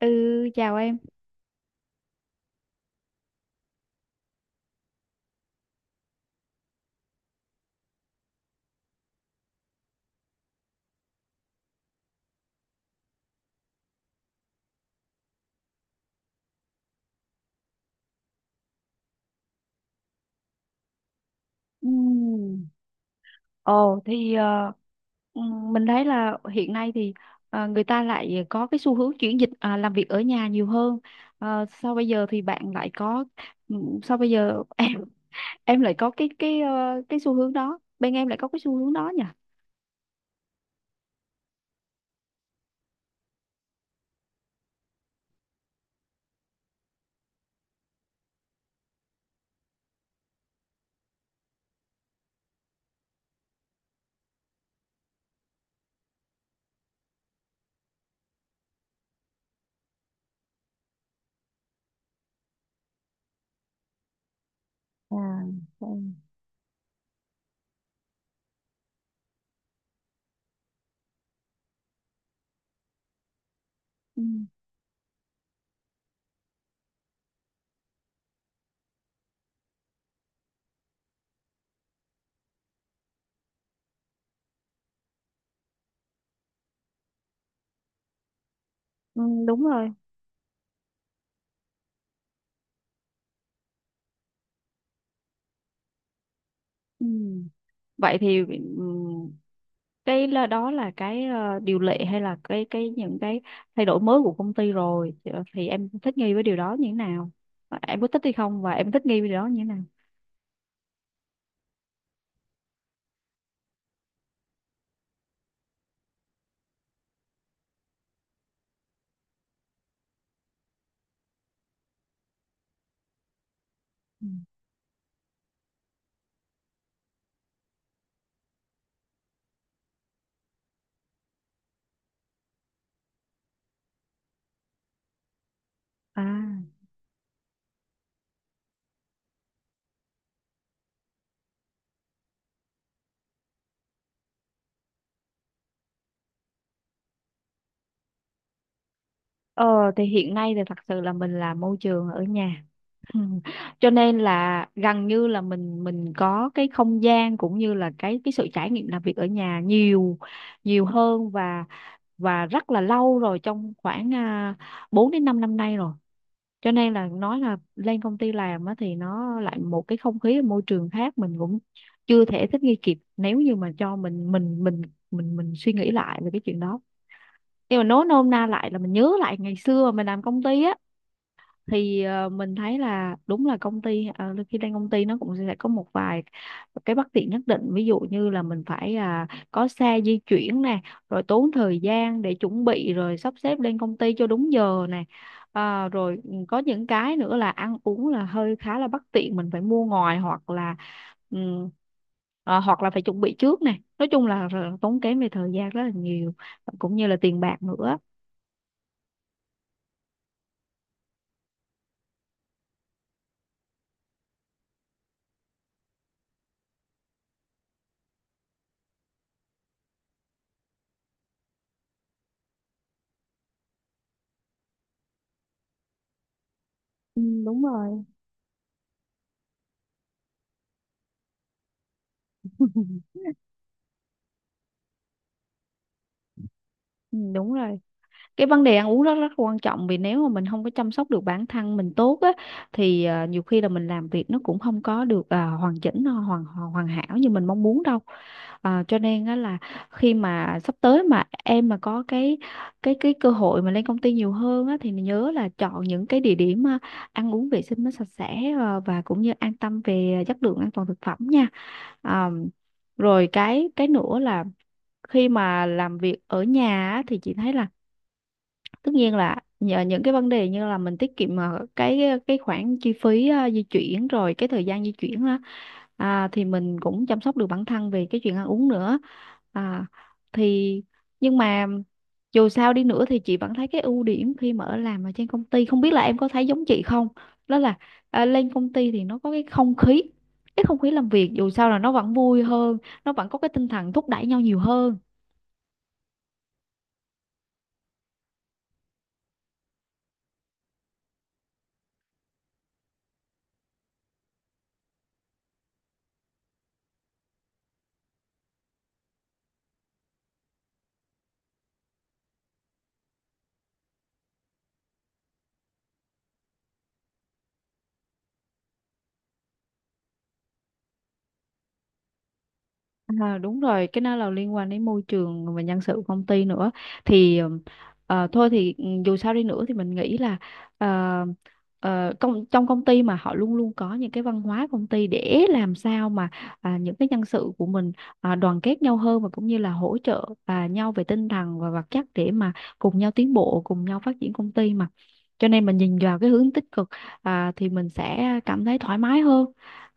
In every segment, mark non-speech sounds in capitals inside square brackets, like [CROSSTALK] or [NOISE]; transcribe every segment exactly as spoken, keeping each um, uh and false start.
Ừ, chào em. Ừm. Ồ, thì ờ, ừm, mình thấy là hiện nay thì ờ, người ta lại có cái xu hướng chuyển dịch, à, làm việc ở nhà nhiều hơn. Ờ, sau bây giờ thì bạn lại có, ừm, sau bây giờ [LAUGHS] em em lại có cái cái ờ, cái xu hướng đó. Bên em lại có cái xu hướng đó nhỉ? À, vâng. Ừ, ừ, đúng rồi. Ừ. Vậy thì, ừ, cái là đó là cái ờ, điều lệ hay là cái cái những cái thay đổi mới của công ty rồi. Ờ, thì em thích nghi với điều đó như thế nào? Ờ, em có thích hay không và em thích nghi với điều đó như thế nào? Ừ. À, ờ thì hiện nay thì thật sự là mình làm môi trường ở nhà. Ừ. [LAUGHS] Cho nên là gần như là mình mình có cái không gian cũng như là cái cái sự trải nghiệm làm việc ở nhà nhiều, nhiều hơn, và và rất là lâu rồi, trong khoảng uh, bốn đến 5 năm nay rồi. Cho nên là nói là lên công ty làm á, thì nó lại một cái không khí môi trường khác, mình cũng chưa thể thích nghi kịp nếu như mà cho mình mình mình mình mình suy nghĩ lại về cái chuyện đó. Nhưng mà nói nôm na lại là mình nhớ lại ngày xưa mình làm công ty á, thì ờ, mình thấy là đúng là công ty, ờ, khi lên công ty nó cũng sẽ có một vài cái bất tiện nhất định, ví dụ như là mình phải, à, có xe di chuyển nè, rồi tốn thời gian để chuẩn bị rồi sắp xếp lên công ty cho đúng giờ nè. À, rồi ừ, có những cái nữa là ăn uống là hơi khá là bất tiện, mình phải mua ngoài hoặc là, ừm, ờ, hoặc là phải chuẩn bị trước nè. Nói chung là r- tốn kém về thời gian rất là nhiều cũng như là tiền bạc nữa. Ừ, đúng rồi. [LAUGHS] Ừ, đúng rồi, cái vấn đề ăn uống rất rất quan trọng, vì nếu mà mình không có chăm sóc được bản thân mình tốt á, thì à, nhiều khi là mình làm việc nó cũng không có được à, hoàn chỉnh, nó hoàn hoàn hoàn hảo như mình mong muốn đâu. À, cho nên á là khi mà sắp tới mà em mà có cái cái cái cơ hội mà lên công ty nhiều hơn á, thì nhớ là chọn những cái địa điểm, à, ăn uống vệ sinh nó sạch sẽ, à, và cũng như an tâm về chất lượng an toàn thực phẩm nha. à, Rồi cái cái nữa là khi mà làm việc ở nhà á, thì chị thấy là tất nhiên là nhờ những cái vấn đề như là mình tiết kiệm ờ, cái cái khoản chi phí, ờ, di chuyển rồi cái thời gian di chuyển đó. À, thì mình cũng chăm sóc được bản thân về cái chuyện ăn uống nữa. À, thì Nhưng mà dù sao đi nữa thì chị vẫn thấy cái ưu điểm khi mà ở làm ở trên công ty, không biết là em có thấy giống chị không. Đó là, à, lên công ty thì nó có cái không khí, cái không khí làm việc dù sao là nó vẫn vui hơn, nó vẫn có cái tinh thần thúc đẩy nhau nhiều hơn. À, đúng rồi, cái đó là liên quan đến môi trường và nhân sự của công ty nữa. Thì ừm, ờ, thôi thì ừm, dù sao đi nữa thì mình nghĩ là ờ, ờ, công, trong công ty mà họ luôn luôn có những cái văn hóa công ty để làm sao mà, à, những cái nhân sự của mình, à, đoàn kết nhau hơn và cũng như là hỗ trợ và nhau về tinh thần và vật chất để mà cùng nhau tiến bộ, cùng nhau phát triển công ty mà. Cho nên mình nhìn vào cái hướng tích cực, à, thì mình sẽ cảm thấy thoải mái hơn.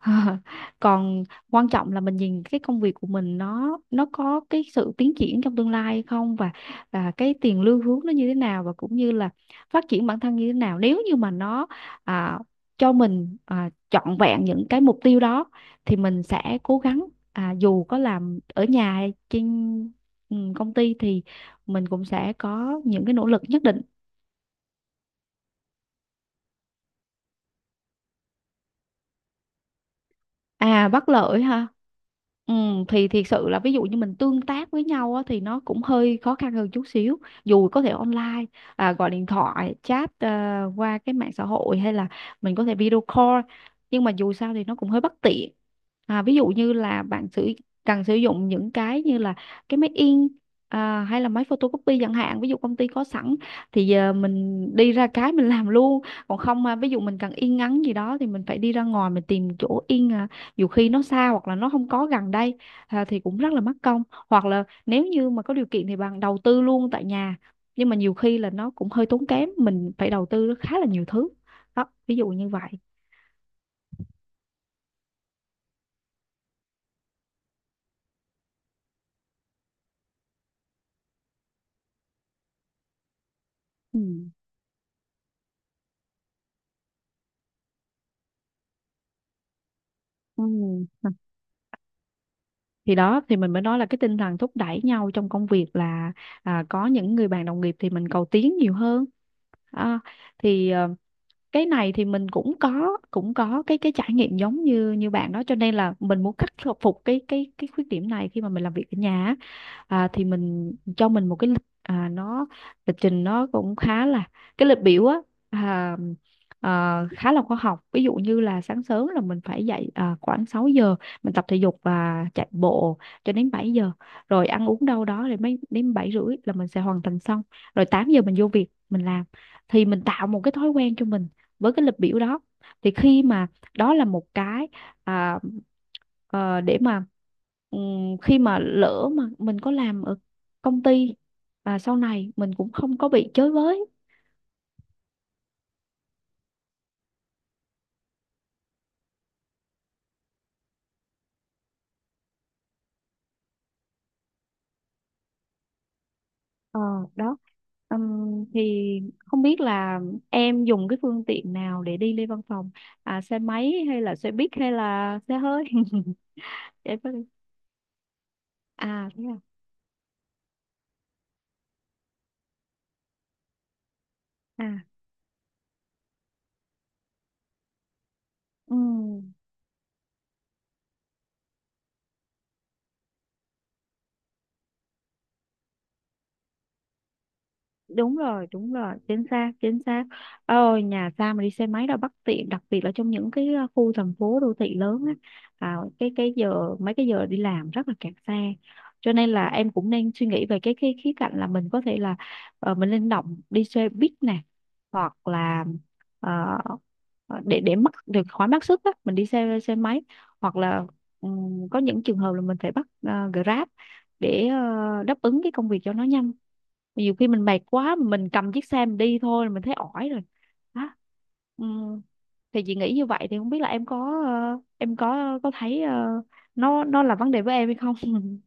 [LAUGHS] Còn quan trọng là mình nhìn cái công việc của mình, nó nó có cái sự tiến triển trong tương lai hay không, và và cái tiền lương hướng nó như thế nào và cũng như là phát triển bản thân như thế nào. Nếu như mà nó, à, cho mình, à, trọn vẹn những cái mục tiêu đó thì mình sẽ cố gắng, à, dù có làm ở nhà hay trên, ừ, công ty thì mình cũng sẽ có những cái nỗ lực nhất định. À, bất lợi ha. Ừ, thì thiệt sự là ví dụ như mình tương tác với nhau á, thì nó cũng hơi khó khăn hơn chút xíu, dù có thể online, à, gọi điện thoại, chat, à, qua cái mạng xã hội hay là mình có thể video call. Nhưng mà dù sao thì nó cũng hơi bất tiện. À, ví dụ như là bạn sử cần sử dụng những cái như là cái máy in, à, hay là máy photocopy chẳng hạn. Ví dụ công ty có sẵn thì giờ mình đi ra cái mình làm luôn, còn không, à, ví dụ mình cần yên ngắn gì đó thì mình phải đi ra ngoài mình tìm chỗ yên, à, dù khi nó xa hoặc là nó không có gần đây, à, thì cũng rất là mất công. Hoặc là nếu như mà có điều kiện thì bạn đầu tư luôn tại nhà, nhưng mà nhiều khi là nó cũng hơi tốn kém, mình phải đầu tư khá là nhiều thứ, đó, ví dụ như vậy. Ừ. Ừ. Thì đó thì mình mới nói là cái tinh thần thúc đẩy nhau trong công việc là, à, có những người bạn đồng nghiệp thì mình cầu tiến nhiều hơn. À, thì ờ, cái này thì mình cũng có cũng có cái cái trải nghiệm giống như như bạn đó, cho nên là mình muốn khắc phục cái cái cái khuyết điểm này khi mà mình làm việc ở nhà á. À, thì mình cho mình một cái lịch, à, nó lịch trình nó cũng khá là, cái lịch biểu á, à, à, khá là khoa học. Ví dụ như là sáng sớm là mình phải dậy, à, khoảng sáu giờ mình tập thể dục và chạy bộ cho đến bảy giờ, rồi ăn uống đâu đó thì mấy đến bảy rưỡi là mình sẽ hoàn thành xong, rồi tám giờ mình vô việc mình làm. Thì mình tạo một cái thói quen cho mình với cái lịch biểu đó. Thì khi mà, đó là một cái, à, ờ, để mà ừm, khi mà lỡ mà mình có làm ở công ty và sau này mình cũng không có bị chới với. Ờ, đó. Ừm, thì không biết là em dùng cái phương tiện nào để đi lên văn phòng, à, xe máy hay là xe buýt hay là xe hơi? [LAUGHS] Em có đi. À thế à. À, ừ, đúng rồi, đúng rồi, chính xác, chính xác. Ôi, nhà xa mà đi xe máy đâu bất tiện, đặc biệt là trong những cái ờ, khu thành phố đô thị lớn á. à, cái cái giờ mấy cái giờ đi làm rất là kẹt xe, cho nên là em cũng nên suy nghĩ về cái cái khía cạnh là mình có thể là, ờ, mình linh động đi xe buýt nè, hoặc là ờ, ờ, để để mất được khỏi mất sức á mình đi xe xe máy, hoặc là ừm, có những trường hợp là mình phải bắt ờ, Grab để ờ, đáp ứng cái công việc cho nó nhanh. Nhiều khi mình mệt quá mà mình cầm chiếc xe mình đi thôi là mình thấy ỏi rồi, đó. Ừ. Thì chị nghĩ như vậy, thì không biết là em có, ờ, em có có thấy ờ, nó nó là vấn đề với em hay không. [LAUGHS]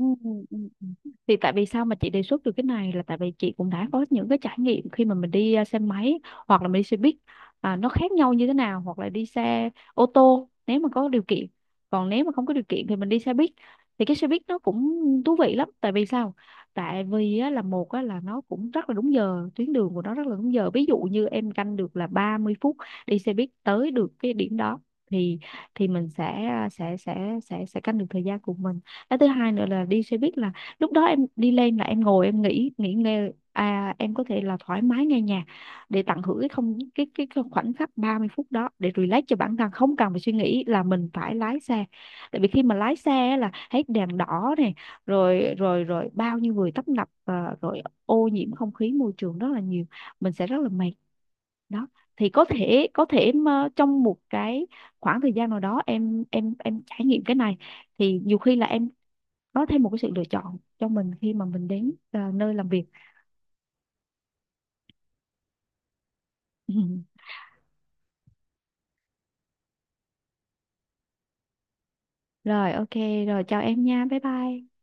Ừ, ừ, ừ. Thì tại vì sao mà chị đề xuất được cái này là tại vì chị cũng đã có những cái trải nghiệm khi mà mình đi, à, xe máy hoặc là mình đi xe buýt, à, nó khác nhau như thế nào, hoặc là đi xe ô tô nếu mà có điều kiện, còn nếu mà không có điều kiện thì mình đi xe buýt. Thì cái xe buýt nó cũng thú vị lắm, tại vì sao? Tại vì á, là một á, là nó cũng rất là đúng giờ, tuyến đường của nó rất là đúng giờ. Ví dụ như em canh được là ba mươi phút đi xe buýt tới được cái điểm đó, thì thì mình sẽ, à, sẽ sẽ sẽ sẽ canh được thời gian của mình. Cái thứ hai nữa là đi xe buýt là lúc đó em đi lên là em ngồi em nghỉ, nghỉ ngơi à, em có thể là thoải mái nghe nhạc để tận hưởng cái không cái cái, cái khoảnh khắc ba mươi phút đó để relax cho bản thân, không cần phải suy nghĩ là mình phải lái xe. Tại vì khi mà lái xe á là hết đèn đỏ này, rồi rồi rồi bao nhiêu người tấp nập và rồi ô nhiễm không khí môi trường rất là nhiều, mình sẽ rất là mệt, đó. Thì có thể, có thể mà trong một cái khoảng thời gian nào đó em em em trải nghiệm cái này, thì nhiều khi là em có thêm một cái sự lựa chọn cho mình khi mà mình đến, à, nơi làm việc. [LAUGHS] Rồi, ok. Rồi chào em nha, bye bye.